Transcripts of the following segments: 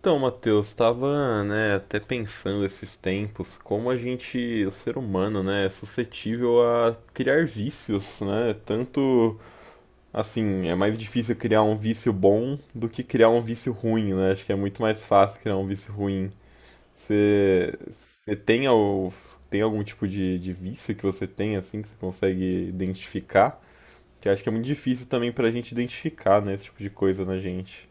Então, Matheus, estava, né, até pensando esses tempos, como a gente, o ser humano, né, é suscetível a criar vícios, né? Tanto assim, é mais difícil criar um vício bom do que criar um vício ruim, né? Acho que é muito mais fácil criar um vício ruim. Você você tem, tem algum tipo de vício que você tem, assim, que você consegue identificar? Que acho que é muito difícil também pra gente identificar, né, esse tipo de coisa na gente.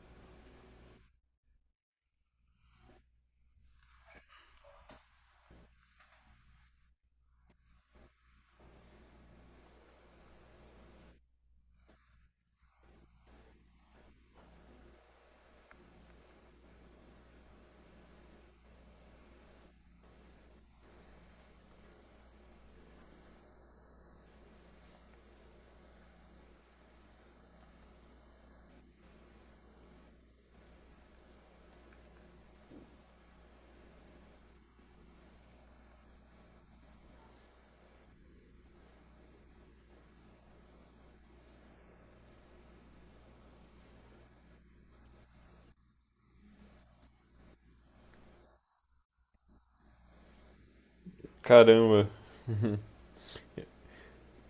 Caramba.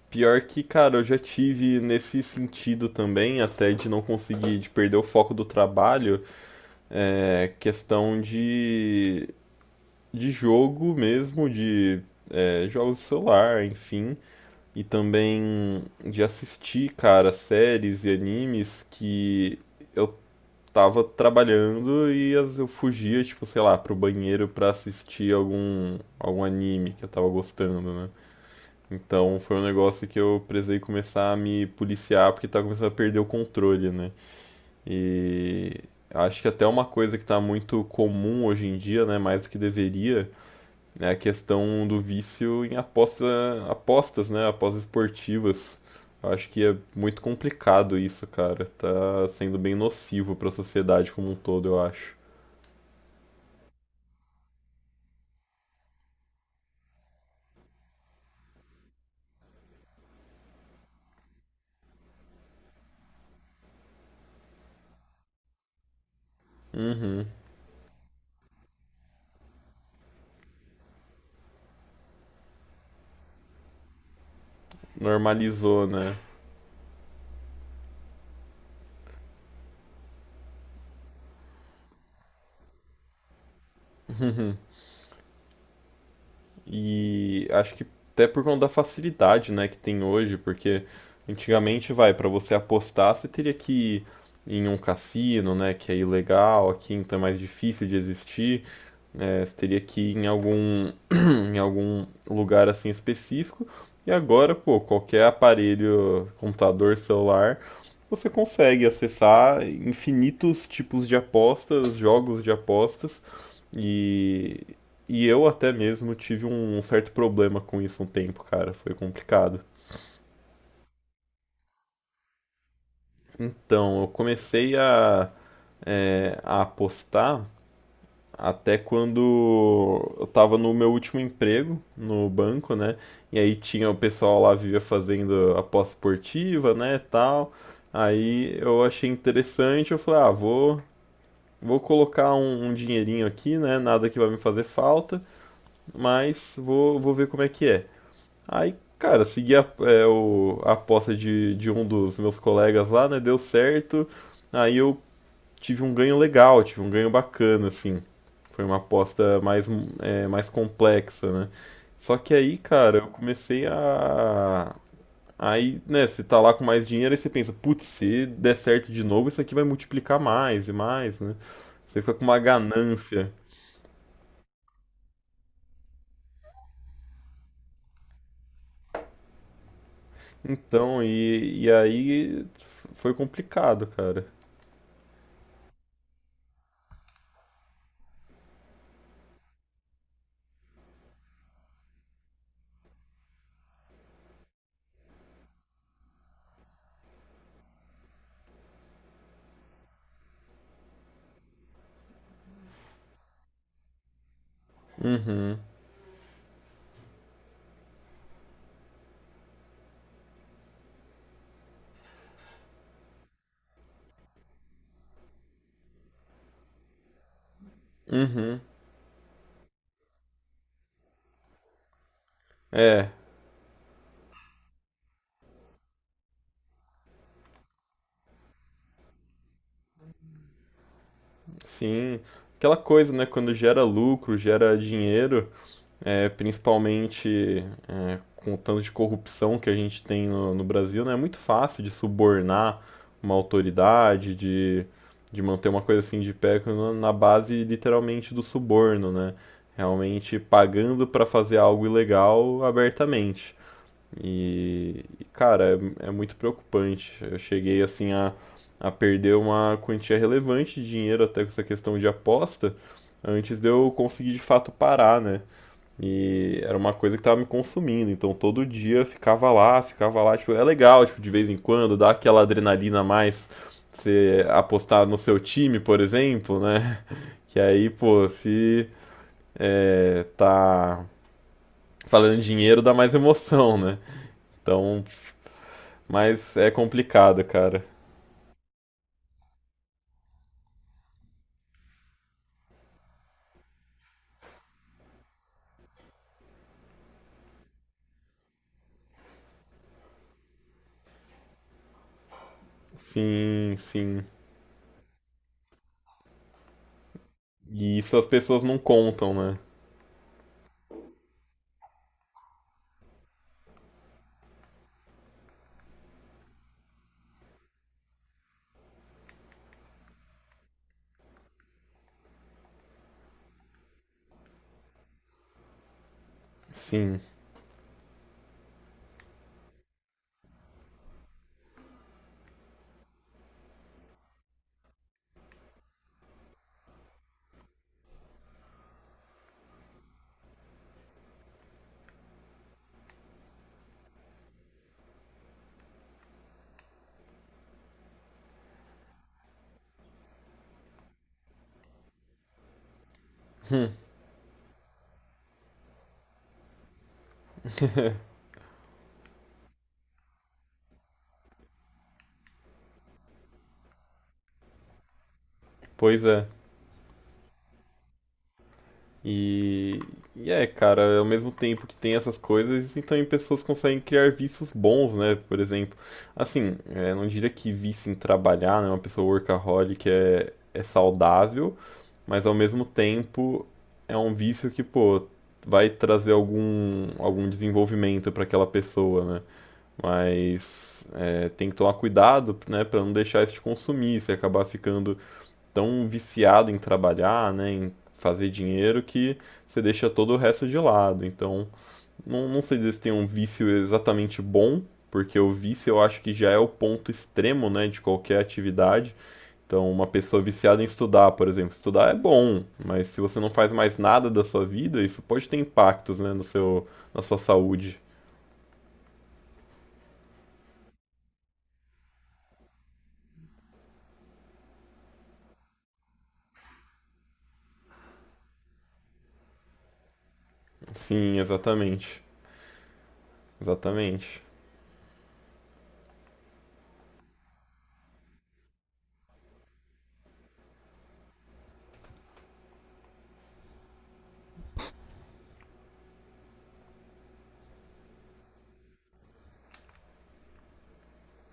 Pior que, cara, eu já tive nesse sentido também, até de não conseguir, de perder o foco do trabalho, é, questão de jogo mesmo, de é, jogos de celular, enfim, e também de assistir, cara, séries e animes que eu tava trabalhando e às vezes eu fugia, tipo, sei lá, pro banheiro pra assistir algum, algum anime que eu tava gostando, né? Então foi um negócio que eu precisei começar a me policiar porque tá começando a perder o controle, né? E.} Acho que até uma coisa que tá muito comum hoje em dia, né, mais do que deveria, é a questão do vício em aposta, apostas, né, apostas esportivas. Eu acho que é muito complicado isso, cara. Tá sendo bem nocivo pra sociedade como um todo, eu acho. Uhum. Normalizou, né? E acho que até por conta da facilidade, né, que tem hoje, porque antigamente, vai, para você apostar, você teria que ir em um cassino, né, que é ilegal, aqui então é mais difícil de existir. É, você teria que ir em algum, em algum lugar assim específico. E agora, pô, qualquer aparelho, computador, celular, você consegue acessar infinitos tipos de apostas, jogos de apostas. E e eu até mesmo tive um certo problema com isso um tempo, cara. Foi complicado. Então, eu comecei a, é, a apostar até quando eu tava no meu último emprego no banco, né? E aí tinha o pessoal lá vivia fazendo aposta esportiva, né, tal. Aí eu achei interessante, eu falei, ah, vou, vou colocar um, um dinheirinho aqui, né? Nada que vai me fazer falta, mas vou, vou ver como é que é. Aí, cara, segui a, é, o, a aposta de um dos meus colegas lá, né? Deu certo. Aí eu tive um ganho legal, tive um ganho bacana, assim. Foi uma aposta mais, é, mais complexa, né? Só que aí, cara, eu comecei a. Aí, né, você tá lá com mais dinheiro e você pensa, putz, se der certo de novo, isso aqui vai multiplicar mais e mais, né? Você fica com uma ganância. Então, e aí foi complicado, cara. Uhum, uhum. É, sim. Aquela coisa, né? Quando gera lucro, gera dinheiro, é, principalmente é, com o tanto de corrupção que a gente tem no, no Brasil, né? É muito fácil de subornar uma autoridade, de manter uma coisa assim de pé na base literalmente do suborno, né? Realmente pagando para fazer algo ilegal abertamente. E, cara, é, é muito preocupante. Eu cheguei assim a perder uma quantia relevante de dinheiro até com essa questão de aposta, antes de eu conseguir de fato parar, né? E era uma coisa que tava me consumindo, então todo dia eu ficava lá, tipo, é legal, tipo, de vez em quando, dá aquela adrenalina a mais, você apostar no seu time, por exemplo, né? Que aí, pô, se é, tá falando em dinheiro, dá mais emoção, né? Então, mas é complicado, cara. Sim, sim. E isso as pessoas não contam, né? Sim, pois é. E, e é, cara, ao mesmo tempo que tem essas coisas, e também pessoas conseguem criar vícios bons, né? Por exemplo, assim, é, não diria que vício em trabalhar, né? Uma pessoa workaholic é, é saudável, mas ao mesmo tempo é um vício que, pô, vai trazer algum, algum desenvolvimento para aquela pessoa, né? Mas é, tem que tomar cuidado, né, para não deixar isso te consumir, você acabar ficando tão viciado em trabalhar, né, em fazer dinheiro que você deixa todo o resto de lado. Então, não, não sei dizer se tem um vício exatamente bom, porque o vício eu acho que já é o ponto extremo, né, de qualquer atividade. Então, uma pessoa viciada em estudar, por exemplo, estudar é bom, mas se você não faz mais nada da sua vida, isso pode ter impactos, né, no seu, na sua saúde. Sim, exatamente. Exatamente.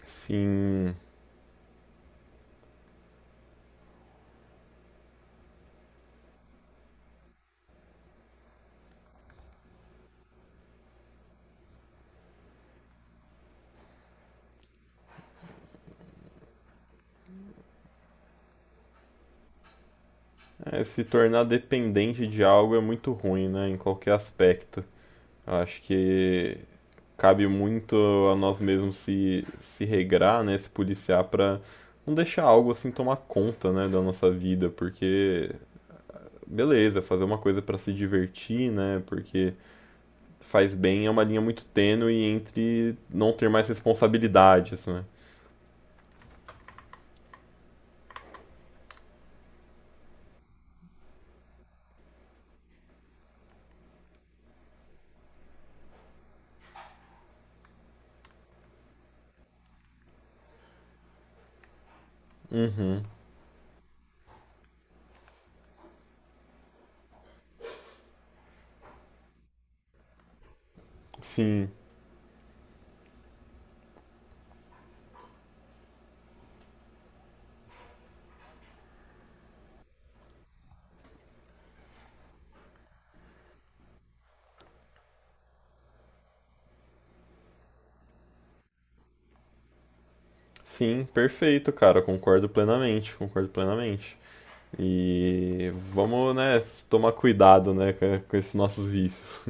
Sim, é, se tornar dependente de algo é muito ruim, né? Em qualquer aspecto. Eu acho que cabe muito a nós mesmos se, se regrar, né? Se policiar para não deixar algo assim tomar conta, né? Da nossa vida, porque, beleza, fazer uma coisa para se divertir, né? Porque faz bem é uma linha muito tênue entre não ter mais responsabilidades, né? Sim, sim, perfeito, cara. Concordo plenamente, concordo plenamente. E vamos, né, tomar cuidado, né, com esses nossos vícios.